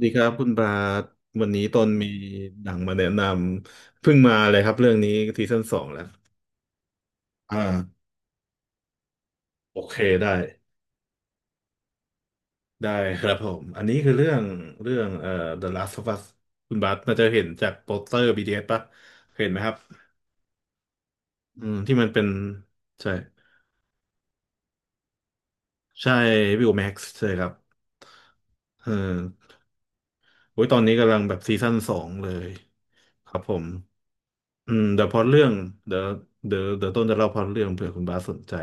ดีครับคุณบาทวันนี้ตนมีหนังมาแนะนำเพิ่งมาเลยครับเรื่องนี้ซีซั่นสองแล้วอ่าโอเคได้ได้ครับผมอันนี้คือเรื่อง The Last of Us คุณบาทน่าจะเห็นจากโปสเตอร์ b อ s ปะเห็นไหมครับอืมที่มันเป็นใช่ใช่วิวแม็กซ์ใช่ครับเออโอ้ยตอนนี้กำลังแบบซีซั่นสองเลยครับผม อืมเดี๋ยวพอเรื่องเดี๋ยวเดี๋ยวต้นจะเล่าพอเรื่องเผื่อคุณบาสสนใจ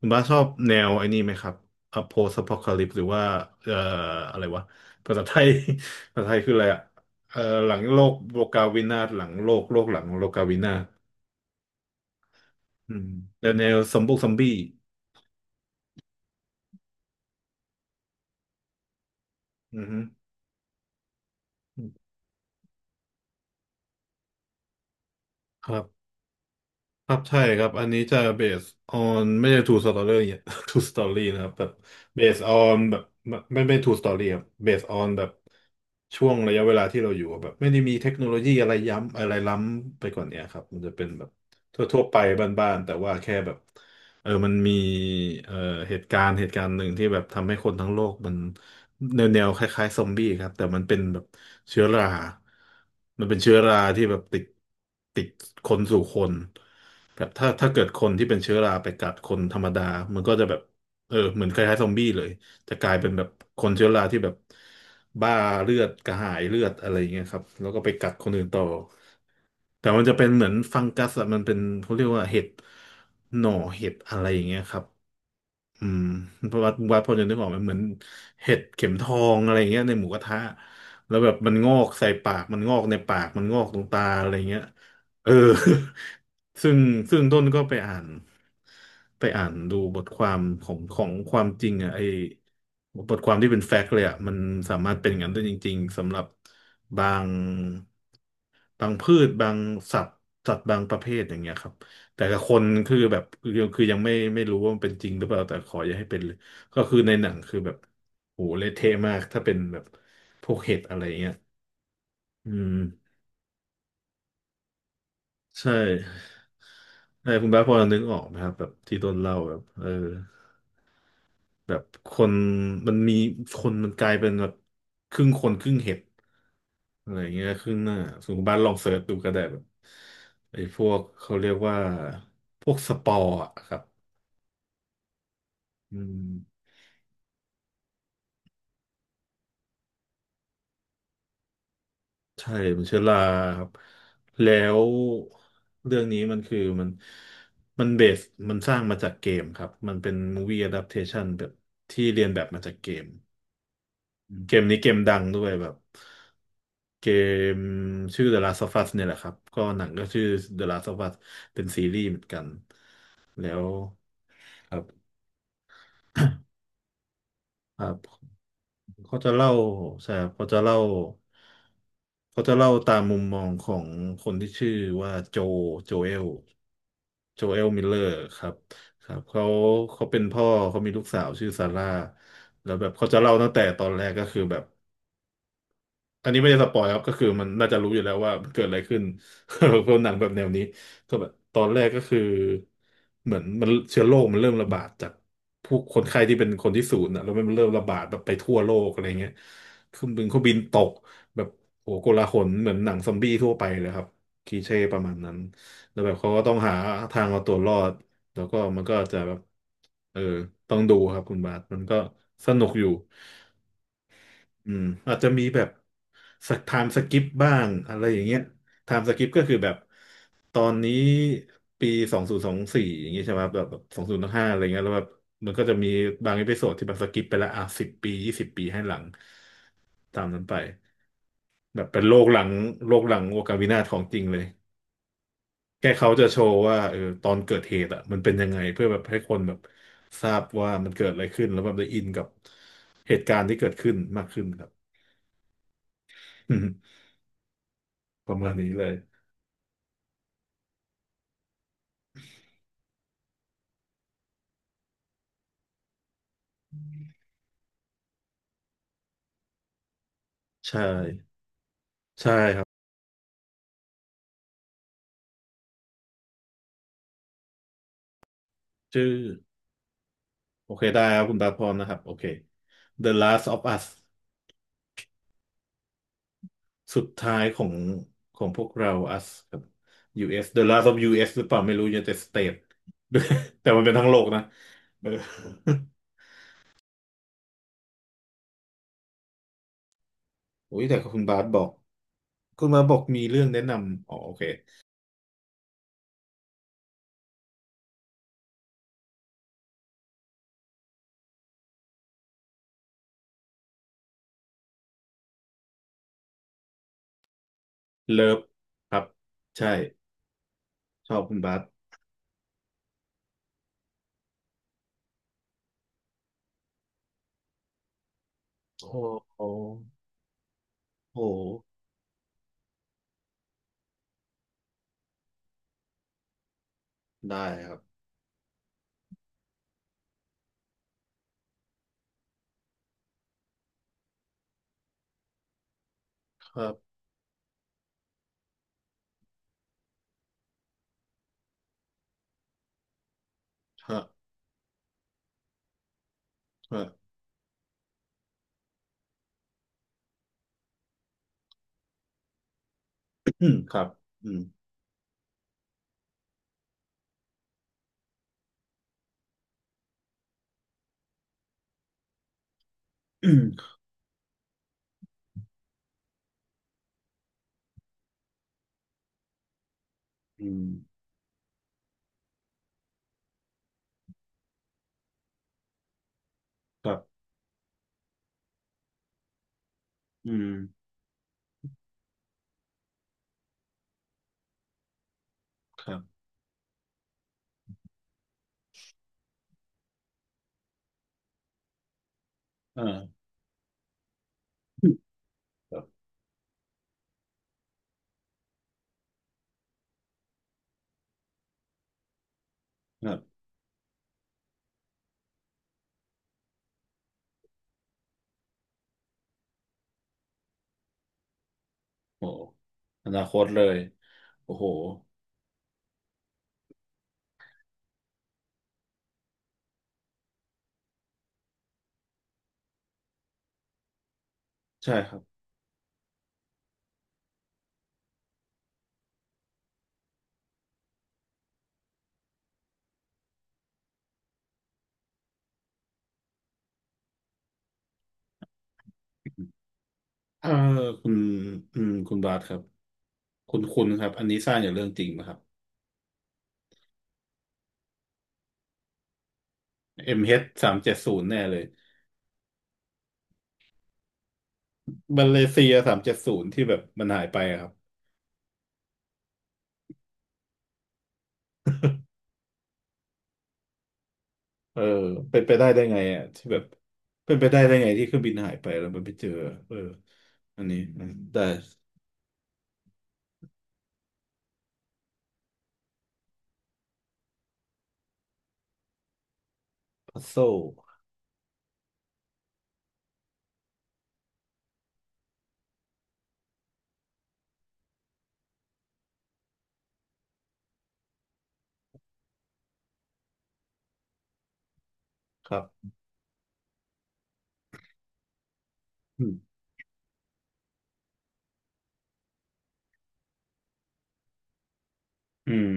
คุณบาสชอบแนวไอ้นี่ไหมครับอโพส p อ c ค l ลิปหรือว่าเอ่ออะไรวะภาษาไทย ภาษาไทยคืออะไรอ่ะเอ่อหลังโลกโลกาวินาศหลังโลกโลกหลังโลกาวินาศอืมแล้วแนวซอมบุกซอมบี้อือฮึครับ ครับใช่ครับอันนี้จะ based on ไม่ใช่ true story เนี่ย true story นะครับแบบ based on แบบไม่ไม่ไม่ true story ครับ based on แบบช่วงระยะเวลาที่เราอยู่อะแบบไม่ได้มีเทคโนโลยีอะไรย้ำอะไรล้ำไปกว่าเนี้ยครับมันจะเป็นแบบทั่วๆไปบ้านๆแต่ว่าแค่แบบเออมันมีเอ่อเหตุการณ์หนึ่งที่แบบทำให้คนทั้งโลกมันแนวแนวคล้ายๆซอมบี้ครับแต่มันเป็นแบบเชื้อรา มันเป็นเชื้อราที่แบบติดคนสู่คน แบบถ้าถ้าเกิดคนที่เป็นเชื้อราไปกัดคนธรรมดามันก็จะแบบเออเหมือนคล้ายๆซอมบี้เลยจะกลายเป็นแบบคนเชื้อราที่แบบบ้าเลือดกระหายเลือดอะไรอย่างเงี้ยครับแล้วก็ไปกัดคนอื่นต่อ แต่มันจะเป็นเหมือนฟังกัสอะมันเป็นเขาเรียกว่าเห็ดหน่อเห็ดอะไรอย่างเงี้ยครับ อืมวัดพอจะนึกออกไหมเหมือนเห็ดเข็มทองอะไรเงี้ยในหมูกระทะแล้วแบบมันงอกใส่ปากมันงอกในปากมันงอกตรงตาอะไรเงี้ยเออ ซึ่งซึ่งต้นก็ไปอ่านดูบทความของความจริงอ่ะไอบทความที่เป็นแฟกต์เลยอ่ะมันสามารถเป็นอย่างนั้นได้จริงๆสำหรับบางบางพืชบางสัตว์สัตว์บางประเภทอย่างเงี้ยครับ แต่กับคนคือแบบคือยังไม่รู้ว่ามันเป็นจริงหรือเปล่าแต่ขออย่าให้เป็นเลยก็คือในหนังคือแบบโหเละเทะมากถ้าเป็นแบบพวกเห็ดอะไรเงี้ยอืมใช่ใช่คุณบ้าสพอนึกออกไหมครับแบบที่โดนเล่าแบบเออแบบคนมันมีคนมันกลายเป็นแบบครึ่งคนครึ่งเห็ดอะไรเงี้ยครึ่งหน้าสมมติคุณบ้านลองเสิร์ชดูก็ได้แบบไอ้พวกเขาเรียกว่าพวกสปอร์อะครับอืม ใช่มันเชื้อราครับ แล้วเรื่องนี้มันคือมันมันเบสมันสร้างมาจากเกมครับ มันเป็นมูวี่อะดัปเทชันแบบที่เรียนแบบมาจากเกมอืมเกมนี้เกมดังด้วยแบบเกมชื่อ The Last of Us เนี่ยแหละครับ ก็หนังก็ชื่อ The Last of Us เป็นซีรีส์เหมือนกัน แล้วครับ ครับ เขาจะเล่าใช่ครับเขาจะเล่าตามมุมมองของคนที่ชื่อว่าโจเอล โจเอลมิลเลอร์ครับครับเขาเป็นพ่อ เขามีลูกสาวชื่อซาร่า แล้วแบบเขาจะเล่าตั้งแต่ตอนแรกก็คือแบบ อันนี้ไม่ได้สปอยครับก็คือมันน่าจะรู้อยู่แล้วว่ามันเกิดอะไรขึ้น เพราะหนังแบบแนวนี้ก็แบบตอนแรกก็คือเหมือนมันเชื้อโรคมันเริ่มระบาดจากผู้คนไข้ที่เป็นคนที่ศูนย์อ่ะแล้วมันเริ่มระบาดแบบไปทั่วโลกอะไรเงี้ยเครื่องบินตกแบบโอ้โหโกลาหลเหมือนหนังซอมบี้ทั่วไปเลยครับคลีเช่ประมาณนั้นแล้วแบบเขาก็ต้องหาทางเอาตัวรอดแล้วก็มันก็จะแบบเออต้องดูครับคุณบาทมันก็สนุกอยู่ อืมอาจจะมีแบบสักไทม์สกิปบ้างอะไรอย่างเงี้ยไทม์สกิปก็คือแบบตอนนี้ปี2024อย่างเงี้ยใช่ไหมครับแบบ2025อะไรเงี้ยแล้วแบบมันก็จะมีบางเอพิโซดที่แบบสกิปไปละอ่ะสิบปี20 ปีให้หลังตามนั้นไปแบบเป็นโลกหลังโลกหลังโอกาวินาศของจริงเลยแค่เขาจะโชว์ว่าเออตอนเกิดเหตุอ่ะมันเป็นยังไงเพื่อแบบให้คนแบบทราบว่ามันเกิดอะไรขึ้นแล้วแบบได้อินกับเหตุการณ์ที่เกิดขึ้นมากขึ้นครับ ประมาณนี้เลยใช่ใช่ครับชื่อโอเคได้ครับคุณตาพรนะครับโอเค The Last of Us สุดท้ายของของพวกเรา us ครับ US The Last of US หรือเปล่าไม่รู้ United States แต่มันเป็นทั้งโลกนะเออ โอ้ยแต่คุณบาสบอกคุณบาสบอกมีเรื่องแนะนำอ๋อโอเค Love ครับใช่ชอบคุณบาสโอ้โหโอ้โหได้ครับครับฮะฮะ ครับอืม อืมครับอืมครับอ่าครับครับโอ้โหอนาคตเลยโอ้โหใช่ครับเออคุณอืมคุณบาสครับคุณครับอันนี้สร้างอย่างเรื่องจริงนะครับ MH สามเจ็ดศูนย์แน่เลยมาเลเซียสามเจ็ดศูนย์ที่แบบมันหายไปอะครับเออเป็นไปได้ได้ไงอ่ะที่แบบเป็นไปได้ได้ไงที่เครื่องบินหายไปแล้วมันไปเจอเอออันนี้ได้พัซโซครับอืมอืม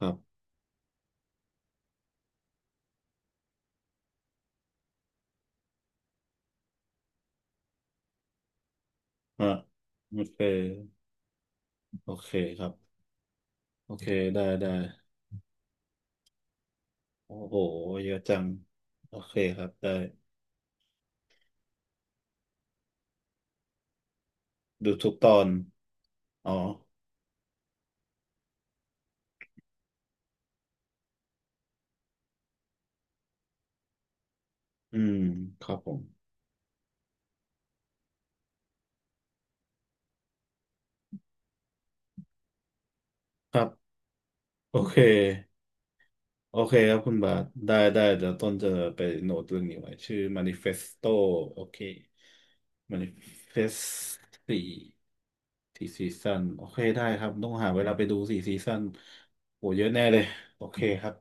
ครับ อ่าโอเคโอเคครับโอเคได้ได้โอ้โหเยอะจังโอเคครับได้ดูทุกตอนอ๋ออืมครับผมครับโอเคโอเคครับคุณบาทได้ได้เดี๋ยวต้นจะไปโน้ตเรื่องนี้ไว้ชื่อ Manifesto โอเค Manifest สี่สี่ซีซันโอเคได้ครับต้องหาเวลาไปดูสี่ซีซันโหเยอะแน่เลยโอเคครับ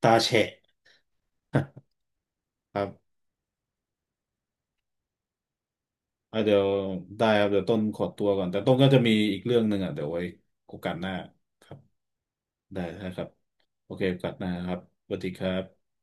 ตาแฉะ ครับ อ่ะเดี๋ยวได้ครับเดี๋ยวต้นขอตัวก่อนแต่ต้นก็จะมีอีกเรื่องหนึ่งอ่ะเดี๋ยวไว้โอกาสหน้าครับได้นะครับโอเคโอกาสหน้าครับสวัสดีครับ